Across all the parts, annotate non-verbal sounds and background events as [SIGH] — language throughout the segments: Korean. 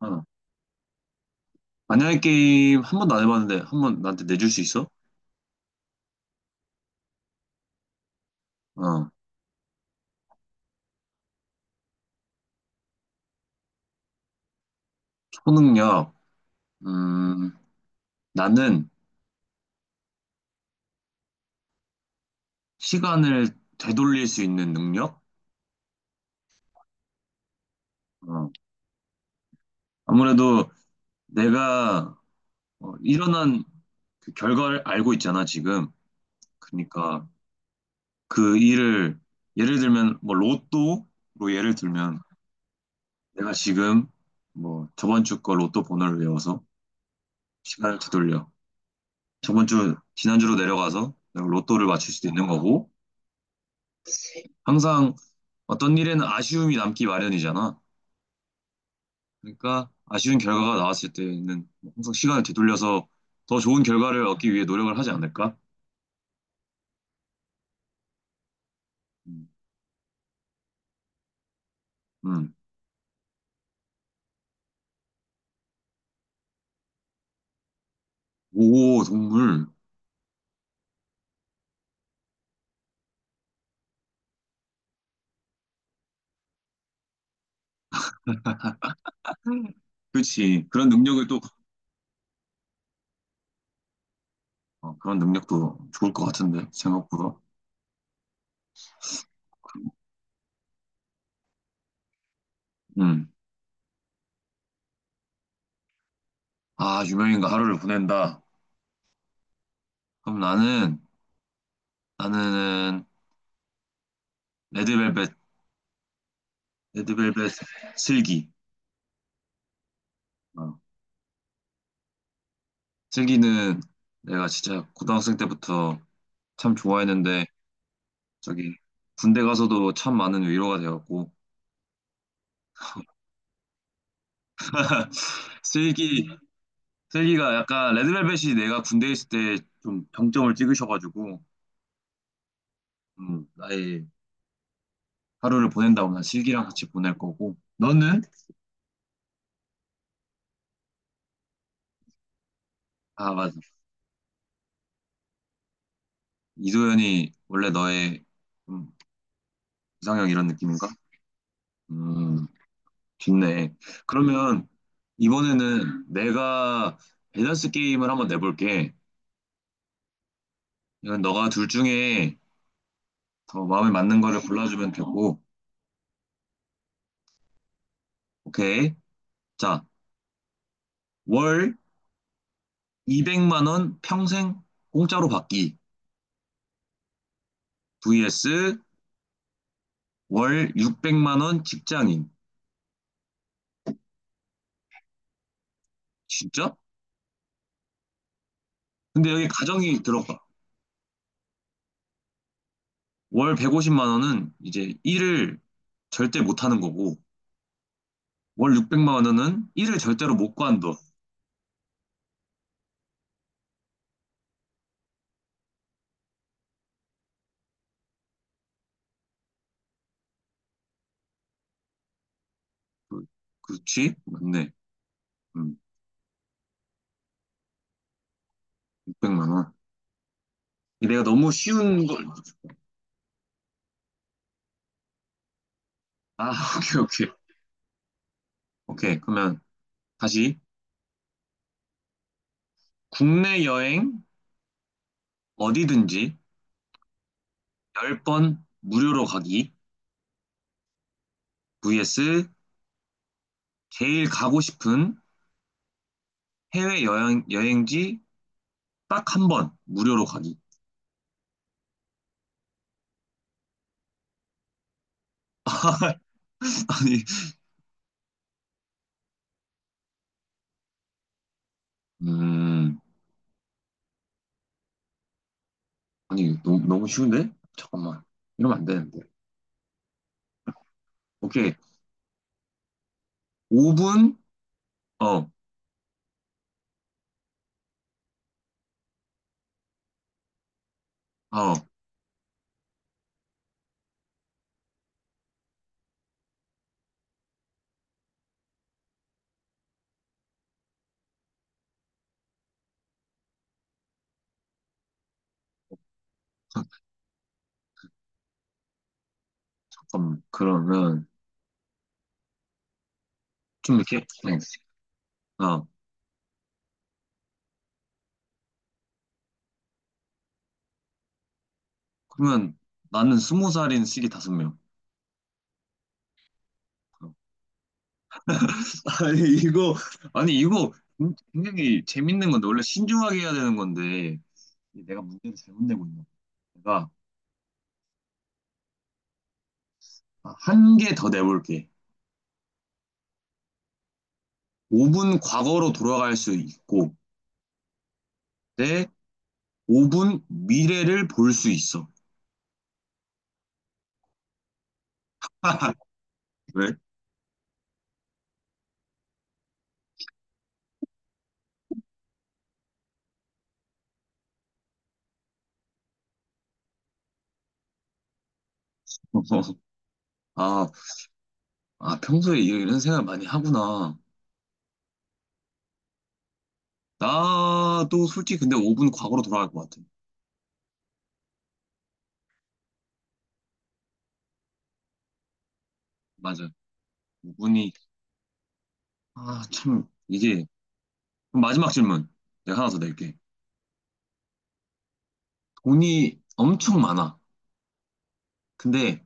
어. 만약에 게임 한 번도 안 해봤는데 한 번 나한테 내줄 수 있어? 어. 초능력. 음, 나는 시간을 되돌릴 수 있는 능력? 어. 아무래도 내가 일어난 그 결과를 알고 있잖아, 지금. 그러니까 그 일을, 예를 들면 뭐 로또로, 예를 들면 내가 지금 뭐 저번 주 거 로또 번호를 외워서 시간을 되돌려. 저번 주, 지난주로 내려가서 내가 로또를 맞출 수도 있는 거고. 항상 어떤 일에는 아쉬움이 남기 마련이잖아. 그러니까 아쉬운 결과가 나왔을 때는 항상 시간을 되돌려서 더 좋은 결과를 얻기 위해 노력을 하지 않을까? 음. 음. 오, 동물. 그렇지. 그런 능력을 또. 그런 능력도 좋을 것 같은데, 생각보다. 음. 아, 유명인과 하루를 보낸다. 그럼 나는 레드벨벳 레드벨벳 슬기. 어. 슬기는 내가 진짜 고등학생 때부터 참 좋아했는데, 저기 군대 가서도 참 많은 위로가 되었고. [LAUGHS] 슬기 슬기가 약간, 레드벨벳이 내가 군대에 있을 때 좀 정점을 찍으셔가지고, 나의 하루를 보낸다면 난 슬기랑 같이 보낼 거고, 너는? 아, 맞아. 이도현이 원래 너의 좀 이상형 이런 느낌인가? 음. 좋네. 그러면 이번에는 내가 밸런스 게임을 한번 내볼게. 이건 너가 둘 중에 더 마음에 맞는 거를 골라주면 되고. 오케이. 자. 월 200만 원 평생 공짜로 받기 vs 월 600만 원 직장인. 진짜? 근데 여기 가정이 들어가. 월 150만 원은 이제 일을 절대 못 하는 거고, 월 600만 원은 일을 절대로 못 관둬. 그- 그렇지? 맞네. 음, 600만 원. 내가 너무 쉬운 걸. 아, [LAUGHS] 오케이, 오케이. 오케이. 그러면 다시, 국내 여행 어디든지 10번 무료로 가기 vs 제일 가고 싶은 해외 여행, 여행지 딱 한 번 무료로 가기. [LAUGHS] 아니, 음, 아니, 너무, 너무 쉬운데? 잠깐만. 이러면 안 되는데. 오케이. 5분? 어, 어, 잠깐만. 그러면 좀 이렇게, 네. 어, 그러면 나는 20살인 시기 다섯 명. 어. [LAUGHS] 아니, 이거, 아니, 이거 굉장히 재밌는 건데, 원래 신중하게 해야 되는 건데, 내가 문제를 잘못 내고 있나? 내가 한 개 더 내볼게. 5분 과거로 돌아갈 수 있고, 내 5분 미래를 볼 수 있어. [LAUGHS] 왜? [LAUGHS] 아, 아, 평소에 이- 런 생각 많이 하구나. 나도 솔직히 근데 5분 과거로 돌아갈 것 같아. 맞아. 5분이, 아, 참, 이게. 그럼 마지막 질문. 내가 하나 더 낼게. 돈이 엄청 많아. 근데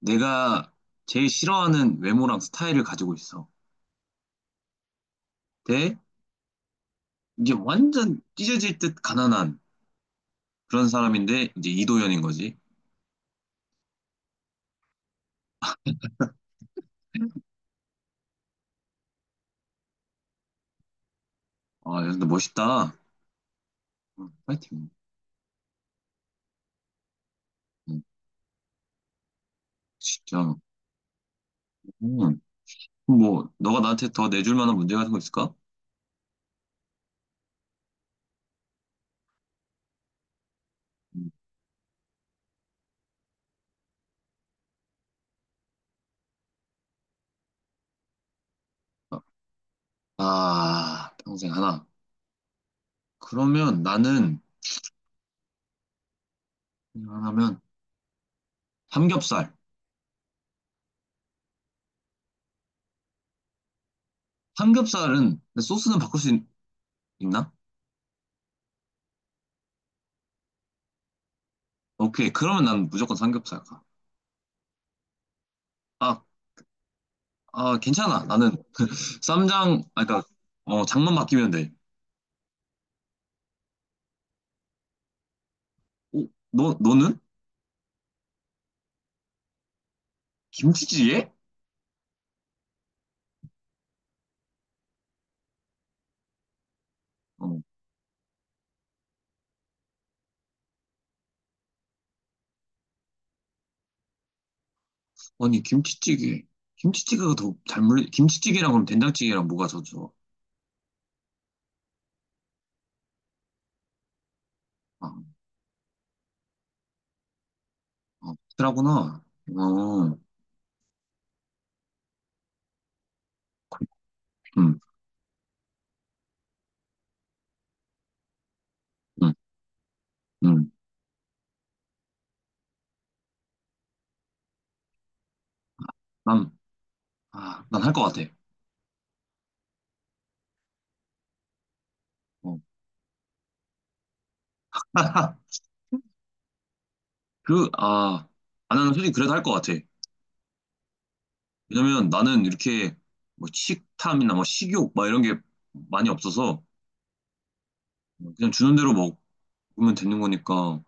내가 제일 싫어하는 외모랑 스타일을 가지고 있어. 대. 이제 완전 찢어질 듯 가난한 그런 사람인데, 이제 이도현인 거지. 아, 야, 근데 멋있다. 응, 파이팅. 응, 진짜. 음, 뭐, 너가 나한테 더 내줄 만한 문제 같은 거 있을까? 음, 아, 아, 평생 하나. 그러면 나는, 그냥 하나면, 삼겹살. 삼겹살은, 근데 소스는 바꿀 수 있, 나. 오케이. 그러면 난 무조건 삼겹살 가. 아, 아, 괜찮아. 나는 쌈장, 아, 그니까, 장만 바뀌면 돼. 오, 너는? 김치찌개? 어, 아니, 김치찌개. 김치찌개가 더 잘 물리, 김치찌개랑 그럼 된장찌개랑 뭐가 더 좋아? 아, 아, 싫어하구나. 어, 음, 음, 음. 난, 난 할 것 같아. 어. [LAUGHS] 그, 아, 나는 솔직히 그래도 할 것 같아. 왜냐면 나는 이렇게 뭐 식탐이나 뭐 식욕 막 이런 게 많이 없어서, 그냥 주는 대로 먹으면 되는 거니까.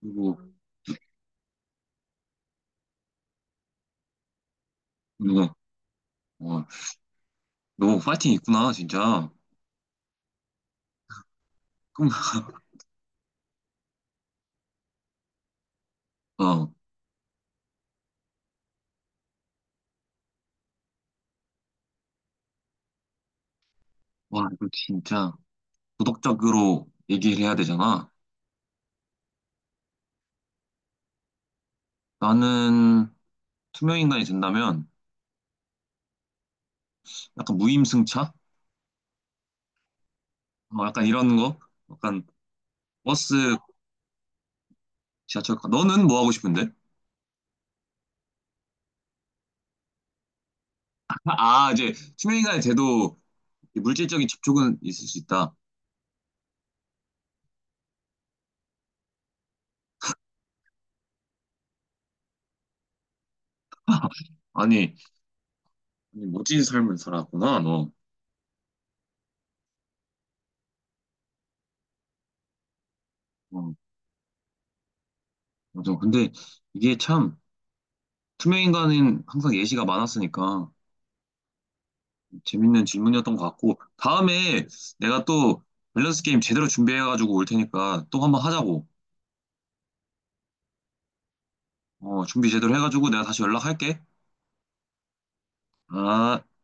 그리고, 누가, 어, 너 파이팅 있구나, 진짜. 그럼, [LAUGHS] 어, 와, 이거 진짜 도덕적으로 얘기를 해야 되잖아. 나는 투명인간이 된다면 약간 무임승차? 뭐 약간 이런 거? 약간 버스, 지하철, 너는 뭐 하고 싶은데? [LAUGHS] 아, 이제 투명인간이 돼도 물질적인 접촉은 있을 수 있다. [LAUGHS] 아니, 아니, 멋진 삶을 살았구나, 너. 어, 맞아. 근데 이게 참, 투명인간은 항상 예시가 많았으니까 재밌는 질문이었던 것 같고, 다음에 내가 또 밸런스 게임 제대로 준비해가지고 올 테니까 또 한번 하자고. 어, 준비 제대로 해가지고 내가 다시 연락할게. 아.